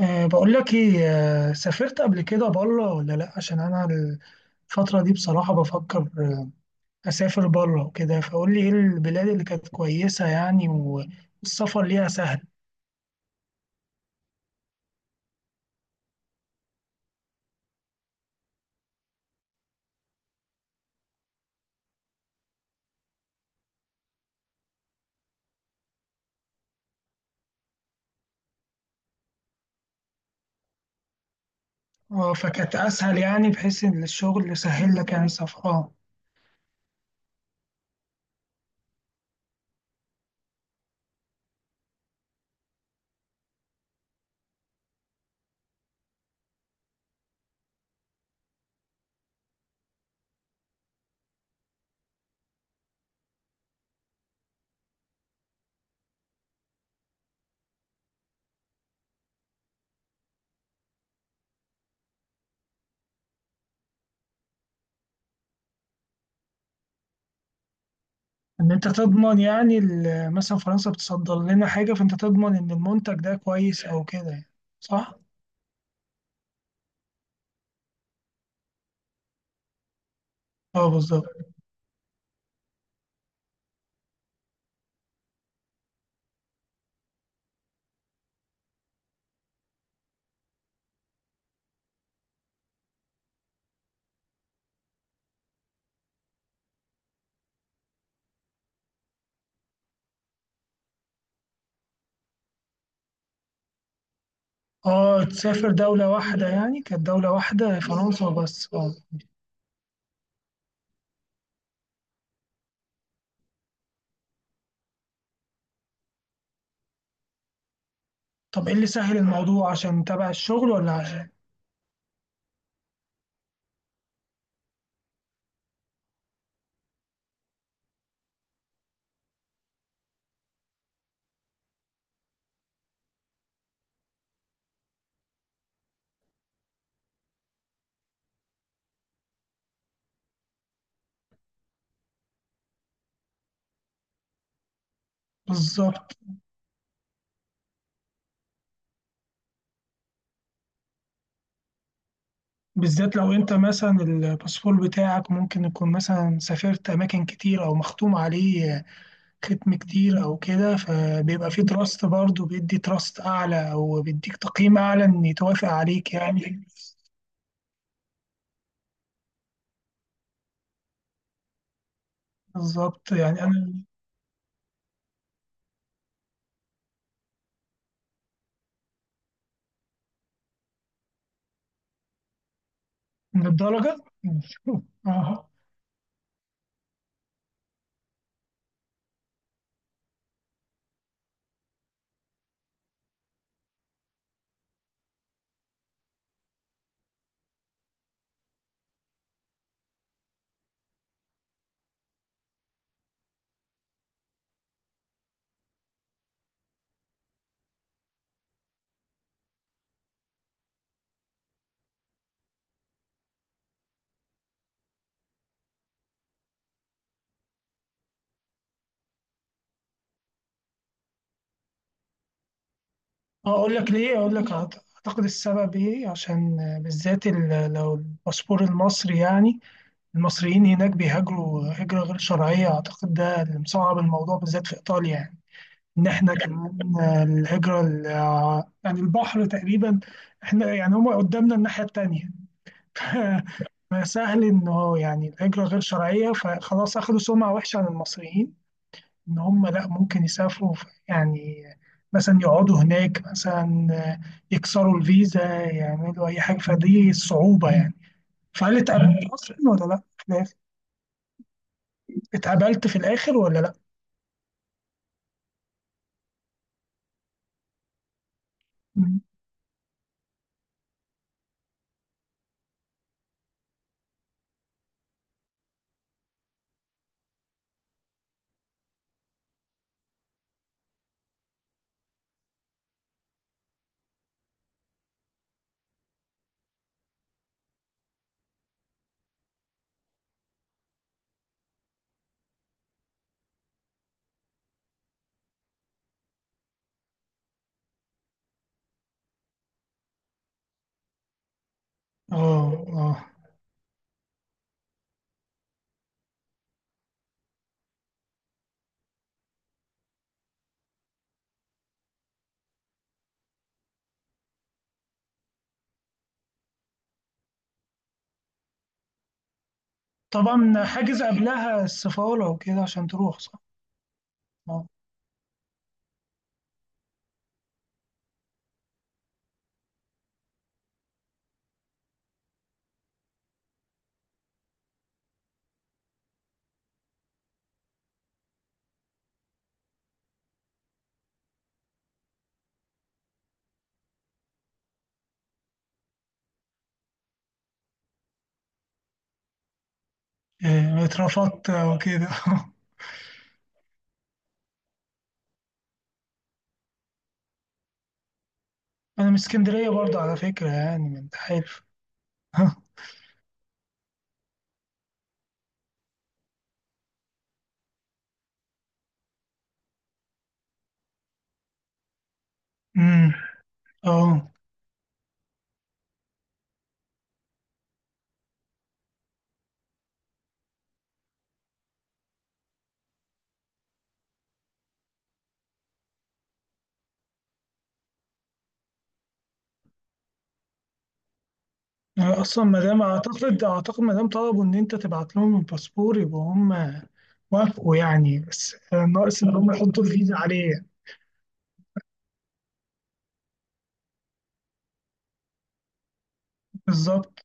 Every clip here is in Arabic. بقول لك ايه. سافرت قبل كده بره ولا لا؟ عشان انا الفترة دي بصراحة بفكر، اسافر بره وكده، فقول لي ايه البلاد اللي كانت كويسة يعني، والسفر ليها سهل. اه فكانت اسهل، يعني بحيث ان الشغل سهل لك، يعني السفر اه ان انت تضمن، يعني مثلا فرنسا بتصدر لنا حاجة، فانت تضمن ان المنتج ده كويس او كده يعني. صح؟ اه، بالظبط. اه، تسافر دولة واحدة، يعني كانت دولة واحدة فرنسا بس اه طب ايه اللي سهل الموضوع؟ عشان تبع الشغل ولا عشان؟ بالظبط. بالذات لو انت مثلا الباسبور بتاعك ممكن يكون مثلا سافرت اماكن كتير او مختوم عليه ختم كتير او كده، فبيبقى فيه تراست برضه، بيدي تراست اعلى او بيديك تقييم اعلى ان يتوافق عليك يعني. بالظبط، يعني انا من الدرجة. اه. اقول لك ليه، اقول لك اعتقد السبب ايه، عشان بالذات لو الباسبور المصري، يعني المصريين هناك بيهاجروا هجرة غير شرعية، أعتقد ده اللي مصعب الموضوع بالذات في إيطاليا يعني. إن إحنا كمان الهجرة يعني البحر تقريبا، إحنا يعني هما قدامنا الناحية التانية. فسهل إنه يعني الهجرة غير شرعية، فخلاص أخدوا سمعة وحشة عن المصريين، إن هما لأ، ممكن يسافروا يعني مثلا يقعدوا هناك مثلا، يكسروا الفيزا، يعملوا أي حاجة، فدي الصعوبة يعني. فهل اتقابلت أصلا ولا لأ؟ في الآخر؟ اتقابلت في الآخر ولا لأ؟ اه. اه، طبعا حاجز قبلها السفارة وكده عشان تروح صح؟ اه. إيه، اترفضت وكده. أنا من اسكندرية برضه على فكرة، يعني من حلف. أمم. اه، أصلا مادام أعتقد، مادام طلبوا إن أنت تبعت لهم الباسبور، يبقى هم وافقوا يعني، بس ناقص إن هم يحطوا الفيزا عليه. بالظبط.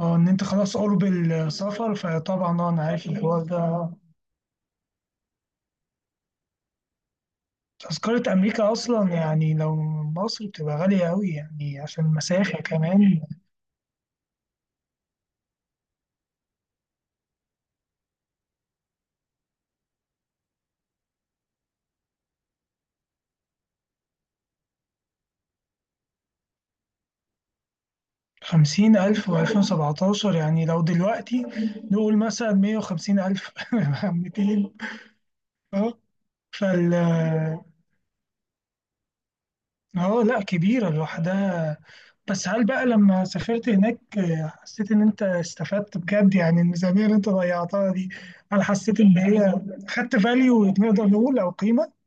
اه، إن أنت خلاص قرب السفر، فطبعا أنا عارف الحوار ده. تذكرة أمريكا أصلا، يعني لو من مصر، بتبقى غالية أوي يعني عشان المسافة كمان. 50,000 و2017، يعني لو دلوقتي نقول مثلا 150,000. 200. اه، فال اه لأ، كبيرة لوحدها. بس هل بقى لما سافرت هناك، حسيت إن أنت استفدت بجد؟ يعني الميزانية اللي أنت ضيعتها دي، هل حسيت إن هي خدت فاليو نقدر نقول، أو قيمة؟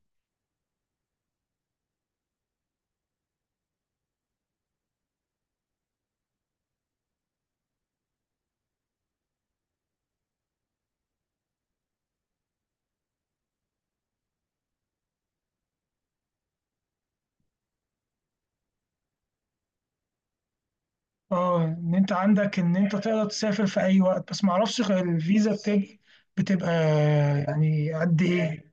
اه، ان انت عندك ان انت تقدر تسافر في اي وقت، بس ما اعرفش، غير الفيزا بتبقى يعني قد ايه؟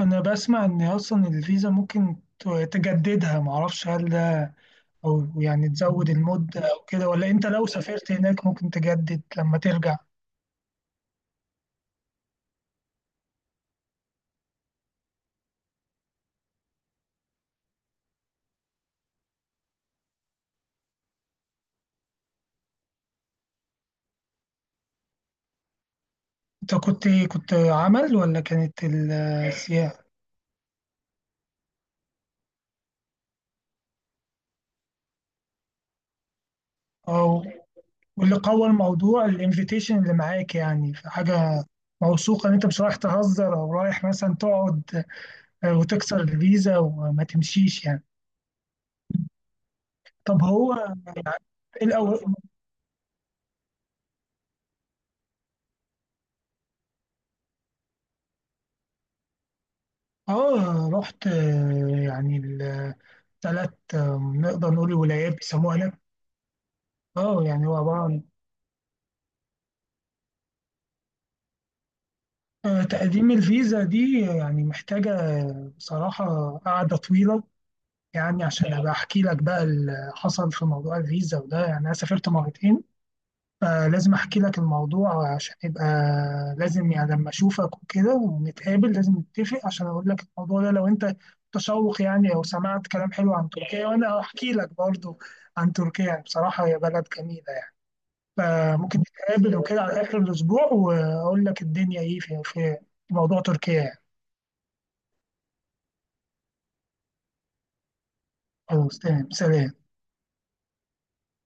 انا بسمع ان اصلا الفيزا ممكن تجددها، ما اعرفش هل ده، او يعني تزود المدة او كده، ولا انت لو سافرت هناك ممكن تجدد لما ترجع. انت كنت ايه، كنت عمل ولا كانت السياحة؟ او واللي قوى الموضوع الانفيتيشن اللي معاك، يعني في حاجة موثوقة ان انت مش رايح تهزر، او رايح مثلا تقعد، وتكسر الفيزا وما تمشيش يعني. طب هو الأول. اه، رحت، يعني الثلاث، نقدر نقول ولايات بيسموها هناك. اه، يعني هو عبارة عن تقديم الفيزا دي، يعني محتاجة بصراحة قعدة طويلة. يعني عشان أبقى أحكي لك بقى اللي حصل في موضوع الفيزا وده، يعني أنا سافرت مرتين، فلازم أحكي لك الموضوع عشان يبقى، لازم يعني لما أشوفك وكده ونتقابل، لازم نتفق عشان أقول لك الموضوع ده، لو أنت متشوق يعني أو سمعت كلام حلو عن تركيا، وأنا أحكي لك برضو عن تركيا. يعني بصراحة هي بلد جميلة يعني. فممكن نتقابل وكده على آخر الأسبوع، وأقول لك الدنيا إيه في موضوع تركيا يعني. خلاص تمام، سلام.